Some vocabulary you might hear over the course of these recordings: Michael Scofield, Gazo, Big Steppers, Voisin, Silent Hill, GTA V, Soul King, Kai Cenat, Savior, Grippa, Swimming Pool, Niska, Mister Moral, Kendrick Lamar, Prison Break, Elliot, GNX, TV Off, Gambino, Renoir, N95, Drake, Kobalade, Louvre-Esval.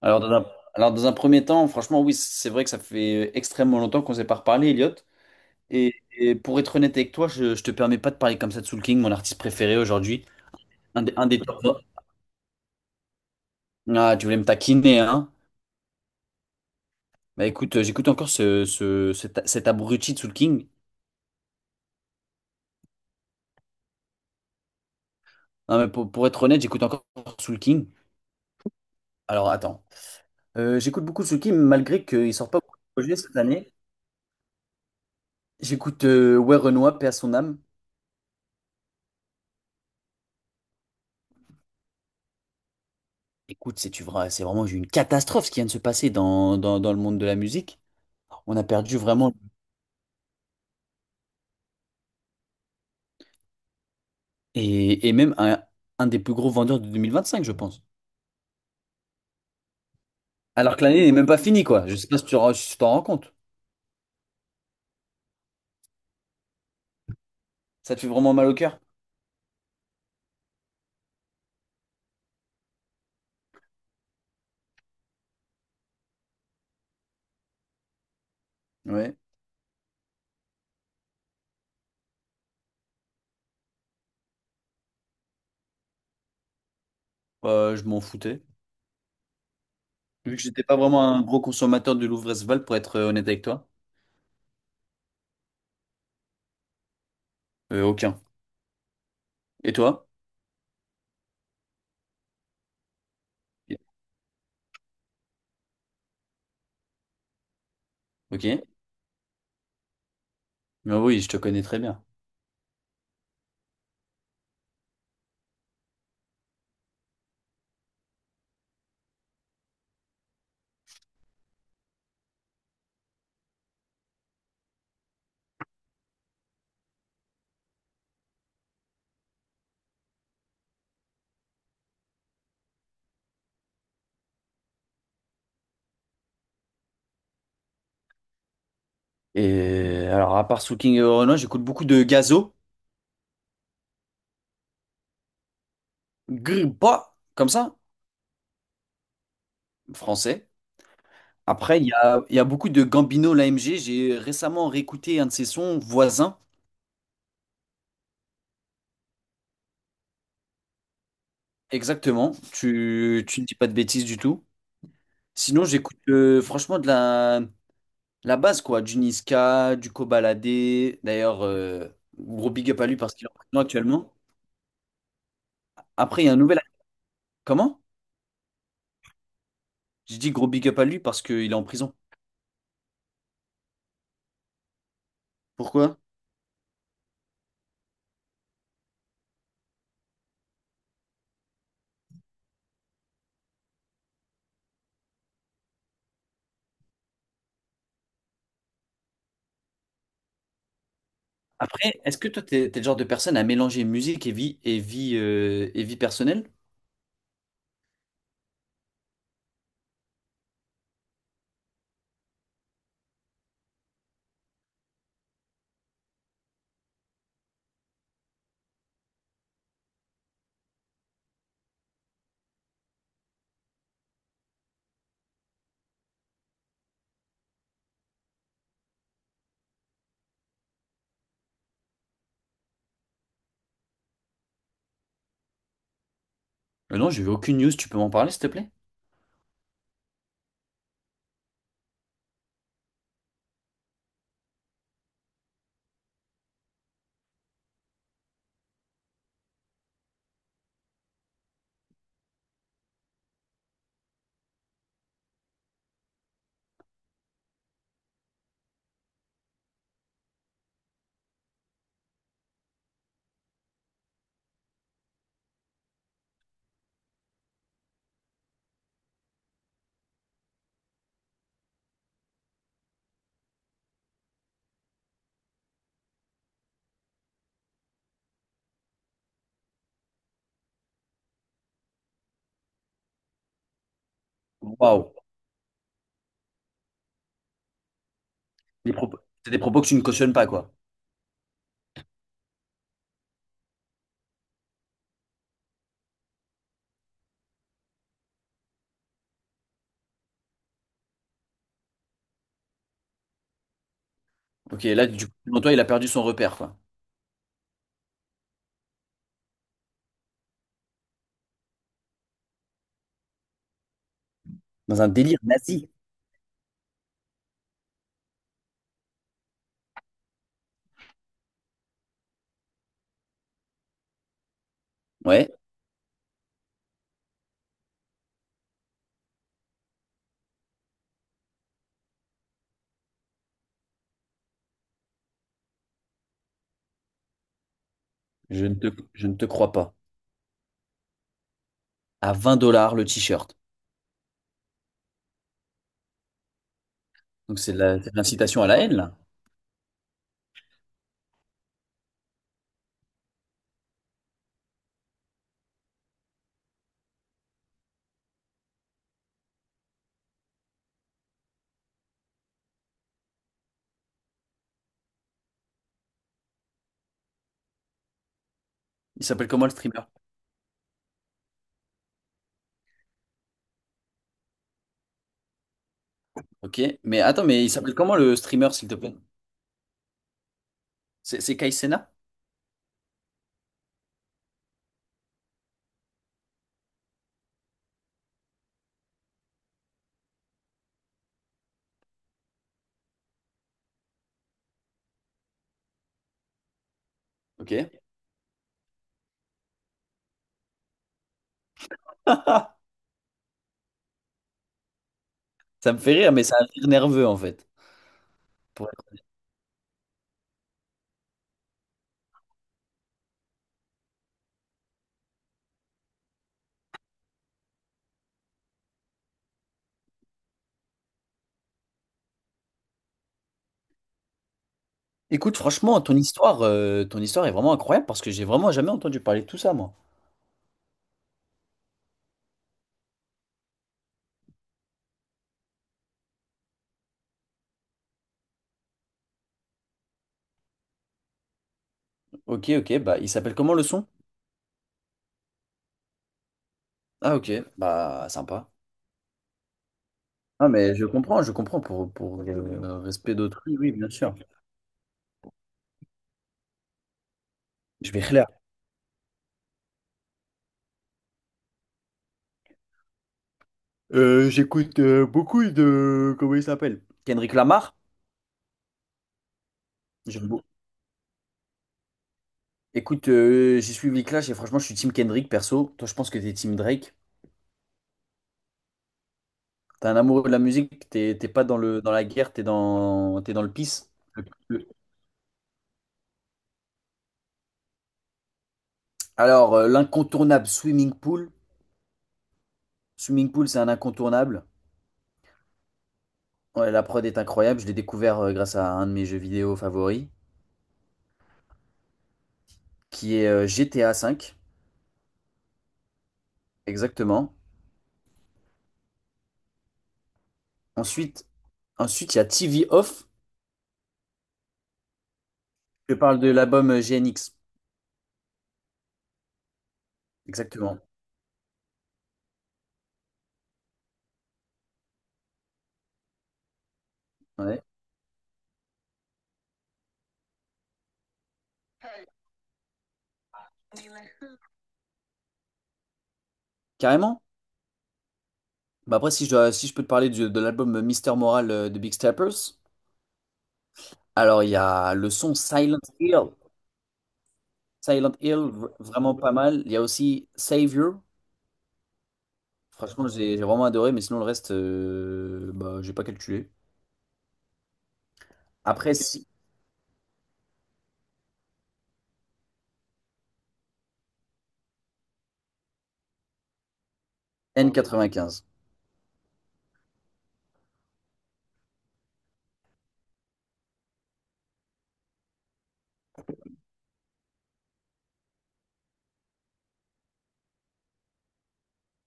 Alors dans un, alors dans un premier temps, franchement, oui, c'est vrai que ça fait extrêmement longtemps qu'on s'est pas reparlé, Elliot. Et, et pour être honnête avec toi, je te permets pas de parler comme ça de Soul King, mon artiste préféré aujourd'hui. Un des top 20. Ah, tu voulais me taquiner, hein? Bah écoute, j'écoute encore cet abruti de Soul King. Non, mais pour être honnête, j'écoute encore Soul King. Alors attends. J'écoute beaucoup Soul King, malgré qu'il sort pas beaucoup de projets cette année. J'écoute Ouais Renoir, paix à son âme. Écoute, c'est tu verras, c'est vraiment une catastrophe ce qui vient de se passer dans le monde de la musique. On a perdu vraiment. Et même un des plus gros vendeurs de 2025, je pense. Alors que l'année n'est même pas finie, quoi. Je sais pas si si tu t'en rends compte. Ça te fait vraiment mal au cœur? Ouais. Je m'en foutais. Vu que j'étais pas vraiment un gros consommateur de Louvre-Esval, pour être honnête avec toi. Aucun. Et toi? Ok. Mais oui, je te connais très bien. Et alors, à part Soul King et Renoir, j'écoute beaucoup de Gazo. Grippa, comme ça, français. Après, il y a beaucoup de Gambino, l'AMG. J'ai récemment réécouté un de ses sons, Voisin. Exactement, tu ne dis pas de bêtises du tout. Sinon, j'écoute franchement de la base, quoi, du Niska, du Kobalade. D'ailleurs, gros big up à lui parce qu'il est en prison actuellement. Après, il y a un nouvel. Comment? J'ai dit gros big up à lui parce qu'il est en prison. Pourquoi? Après, est-ce que toi, t'es le genre de personne à mélanger musique et vie personnelle? Non, j'ai vu aucune news, tu peux m'en parler, s'il te plaît? Waouh, des propos- c'est des propos que tu ne cautionnes pas, quoi. Ok, là, du coup, selon toi, il a perdu son repère, quoi. Dans un délire nazi. Ouais. Je ne te, je ne te crois pas. À 20 dollars le t-shirt. Donc c'est de c'est de l'incitation à la haine, là. Il s'appelle comment le streamer? Ok. Mais attends, mais il s'appelle comment le streamer, s'il te plaît? C'est Kai Cenat. Ok. Ça me fait rire, mais c'est un rire nerveux, en fait. Pour être- Écoute, franchement, ton histoire est vraiment incroyable parce que j'ai vraiment jamais entendu parler de tout ça, moi. Ok, bah il s'appelle comment le son? Ah ok, bah sympa. Ah mais je comprends pour le respect d'autrui, oui, bien sûr. Je vais j'écoute beaucoup de... Comment il s'appelle? Kendrick Lamar? J'aime beaucoup. Écoute, j'ai suivi Clash et franchement, je suis team Kendrick perso. Toi, je pense que t'es team Drake. T'es un amoureux de la musique, t'es pas dans dans la guerre, t'es dans le peace. Alors, l'incontournable Swimming Pool. Swimming Pool, c'est un incontournable. Ouais, la prod est incroyable. Je l'ai découvert grâce à un de mes jeux vidéo favoris, qui est GTA V. Exactement. Ensuite, ensuite, il y a TV Off. Je parle de l'album GNX. Exactement. Ouais. Carrément. Bah après, si je peux te parler de l'album Mister Moral de Big Steppers, alors il y a le son Silent Hill. Silent Hill, vraiment pas mal. Il y a aussi Savior. Franchement, j'ai vraiment adoré, mais sinon le reste, bah, j'ai pas calculé. Après, si- N95.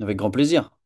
Avec grand plaisir.